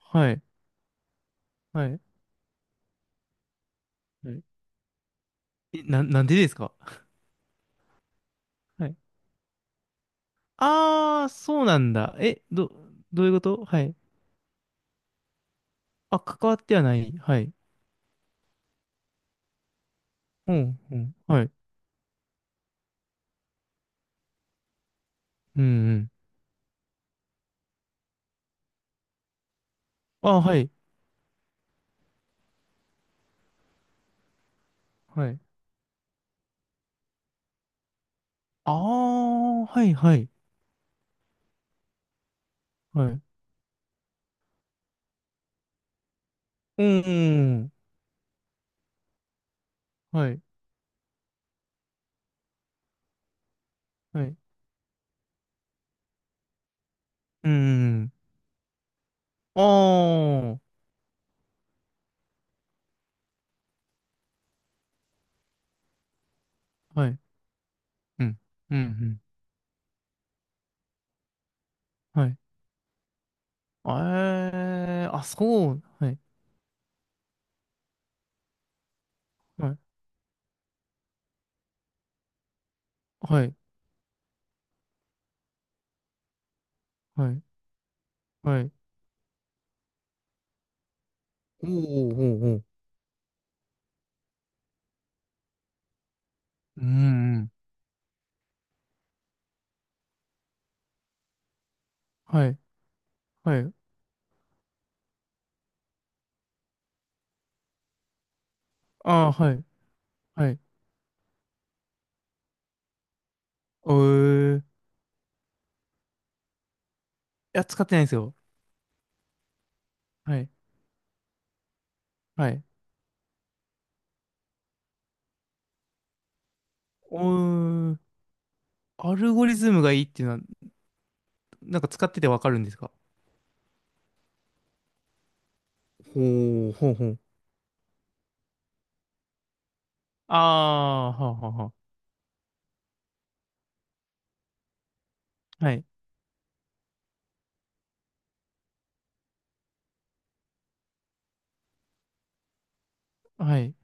はい。はい。はい。なんでですか？はい。ああ、そうなんだ。どういうこと？はい。あ、関わってはない。はい。うん、うん。はい。うん、うん。あ、はい。はい。ああ、はい、はい。はい。うん、うん。はい。はい。うん。ああ、はい。うん。うん、うん。はい。えー、あ、そう。はい。はい。はい。はい。はい。おーおー。おーおー。うん、うん。はい。はい。ああ、はい。はい。おー。いや、使ってないんですよ。はい。はい。おー。アルゴリズムがいいっていうのは、なんか使っててわかるんですか？ほう、ほうほう。ああ、はあはあはあ。はい。はい。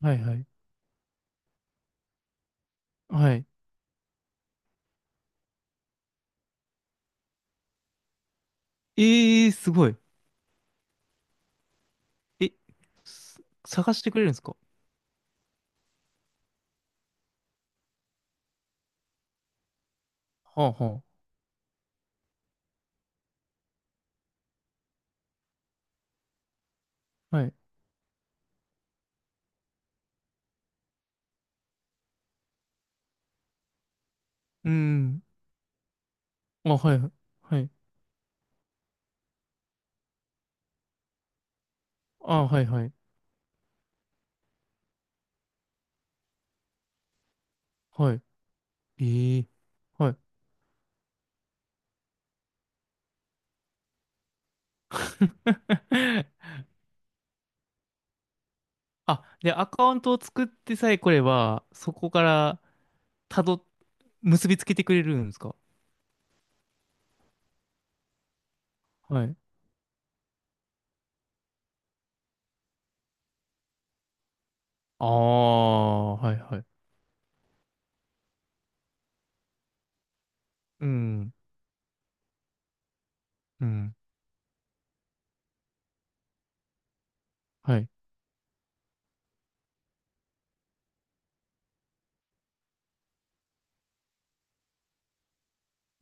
はい、はい。はい。ええー、すごい。え、す探してくれるんですか？はあはあ。はい。うん。あ、はい。はい。あ、はい、はい。はい。ええー。はい。あ、で、アカウントを作ってさえ来れば、そこから、たど、結びつけてくれるんですか？はい。ああ、はいはい。うん、うん、はい。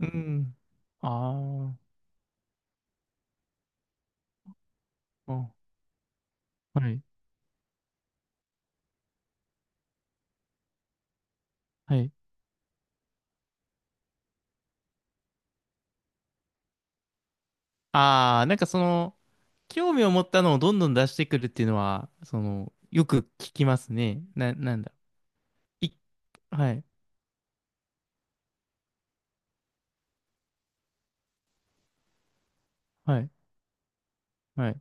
うん。ああ、うん、はい。はい。あああ、はいはい。ああ、なんかその、興味を持ったのをどんどん出してくるっていうのは、その、よく聞きますね。なんだ。い、はい、はい。はい。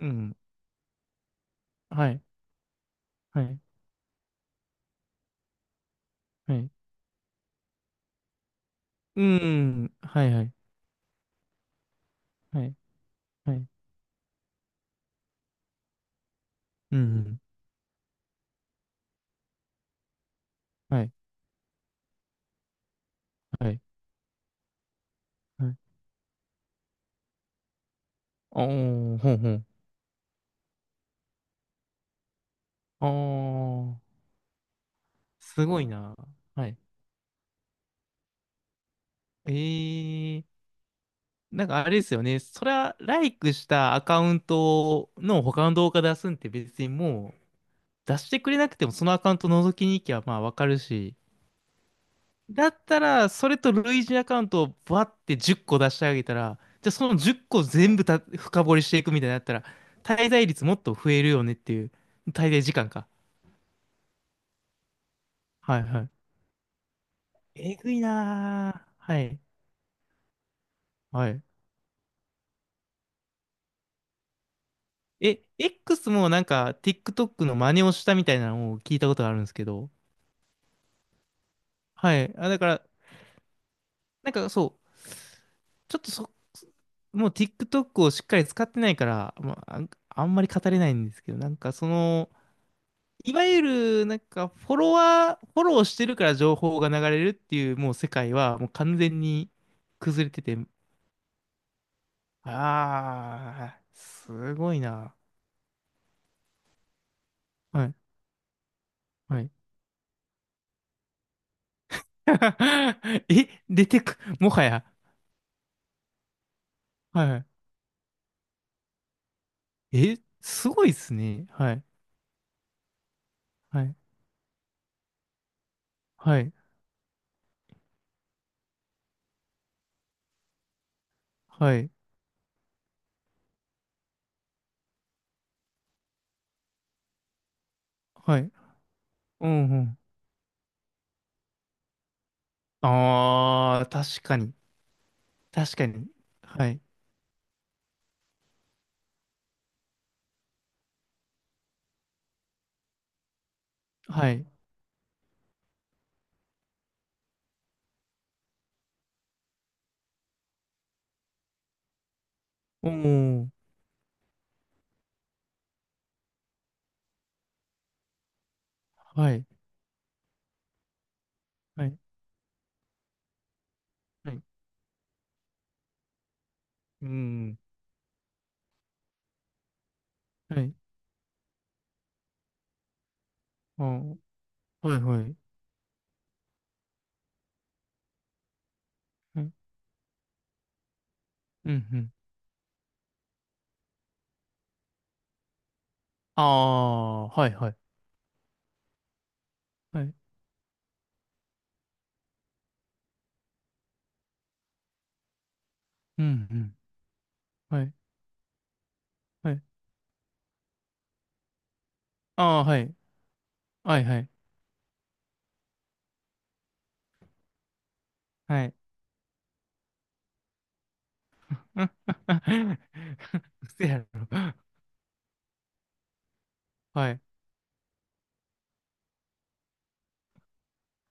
うん、はい。はい。はい。うん、はいはい、はい。はい。うん、はい。はい。はい。おー、ほんほん。ああ、すごいな。はい。えー、なんかあれですよね。それは、ライクしたアカウントの他の動画出すんって別にもう出してくれなくても、そのアカウント覗きに行きゃまあわかるし。だったら、それと類似アカウントをバって10個出してあげたら、じゃあその10個全部深掘りしていくみたいになったら、滞在率もっと増えるよねっていう、滞在時間か。はいはい。えぐいなー。はい。はい。え、X もなんか TikTok の真似をしたみたいなのを聞いたことがあるんですけど。はい。あ、だから、なんかそう、ちょっとそ、もう TikTok をしっかり使ってないから、まあ、あんまり語れないんですけど、なんかその、いわゆるなんかフォロワー、フォローしてるから情報が流れるっていうもう世界はもう完全に崩れてて、ああ、すごいな。はい、はい。え、出てく、もはや。はい。え、すごいっすね。はい。はい。はい。はい。はい。うん、うん。ああ、確かに。確かに。はい。はい。おー。はい。はい。はい。うん。はい。あー、はい。はい。はい。うん、うん。ああ、はい。はい。はい。うん、うん。はい。はい。ああ、はい。はい。はい。はい。うん。嘘やろ。はい。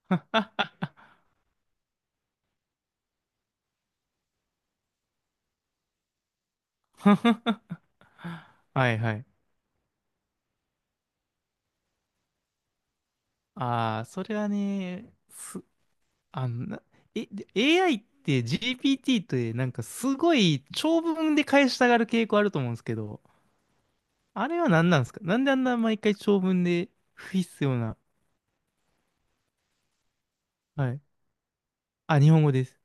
はいはい。ああ、それはね、すあの、なえ、で AI って GPT ってなんかすごい長文で返したがる傾向あると思うんですけど、あれは何なんですか？なんであんな毎回長文で不必要な。はい。あ、日本語です。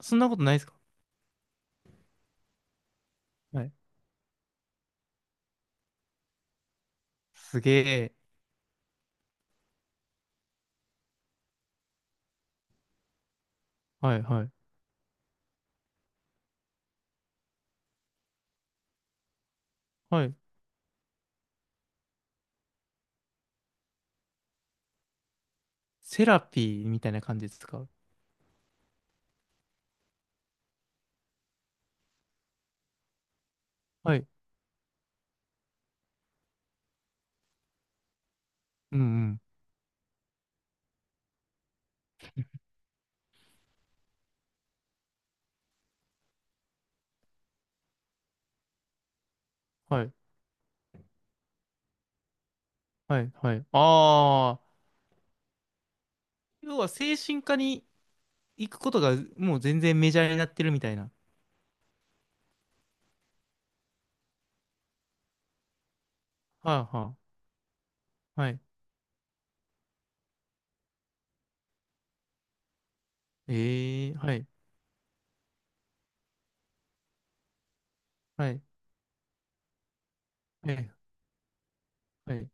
そんなことないですか？はい。すげえ。はいはい。はい。セラピーみたいな感じですか？はい。うんうん。はい。はいはい。ああ。要は精神科に行くことがもう全然メジャーになってるみたいな。はいはい。はい。ええ、はい。はい。はいはい、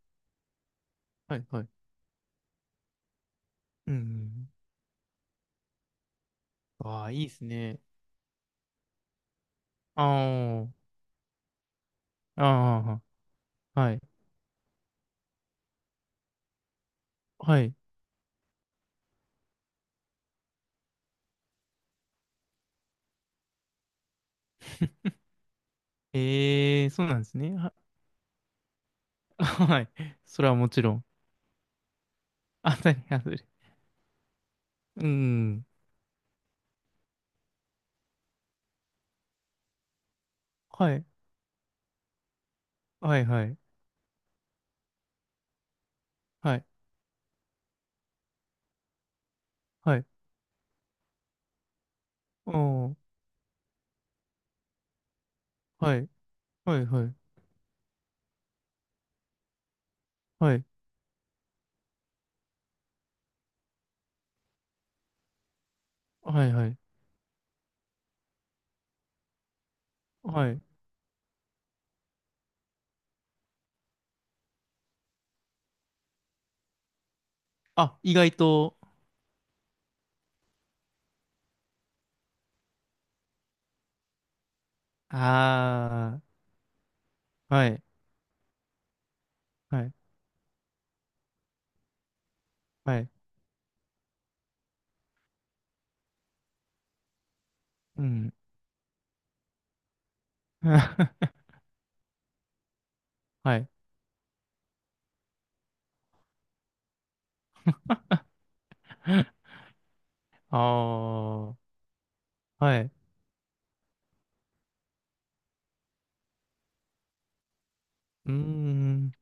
はい、はい。うん。ああ、いいですね。ああ、ああ、はい、はい。ええー、そうなんですね。はい。それはもちろん。あ、たり外れ。うん。はい、はい、はい、はい、はい。おー、はい、はい、はい、はい、はい、はい、はい。あ、意外と、ああ、はい、はい、はい、うん。はい。ああ、はい。うーん。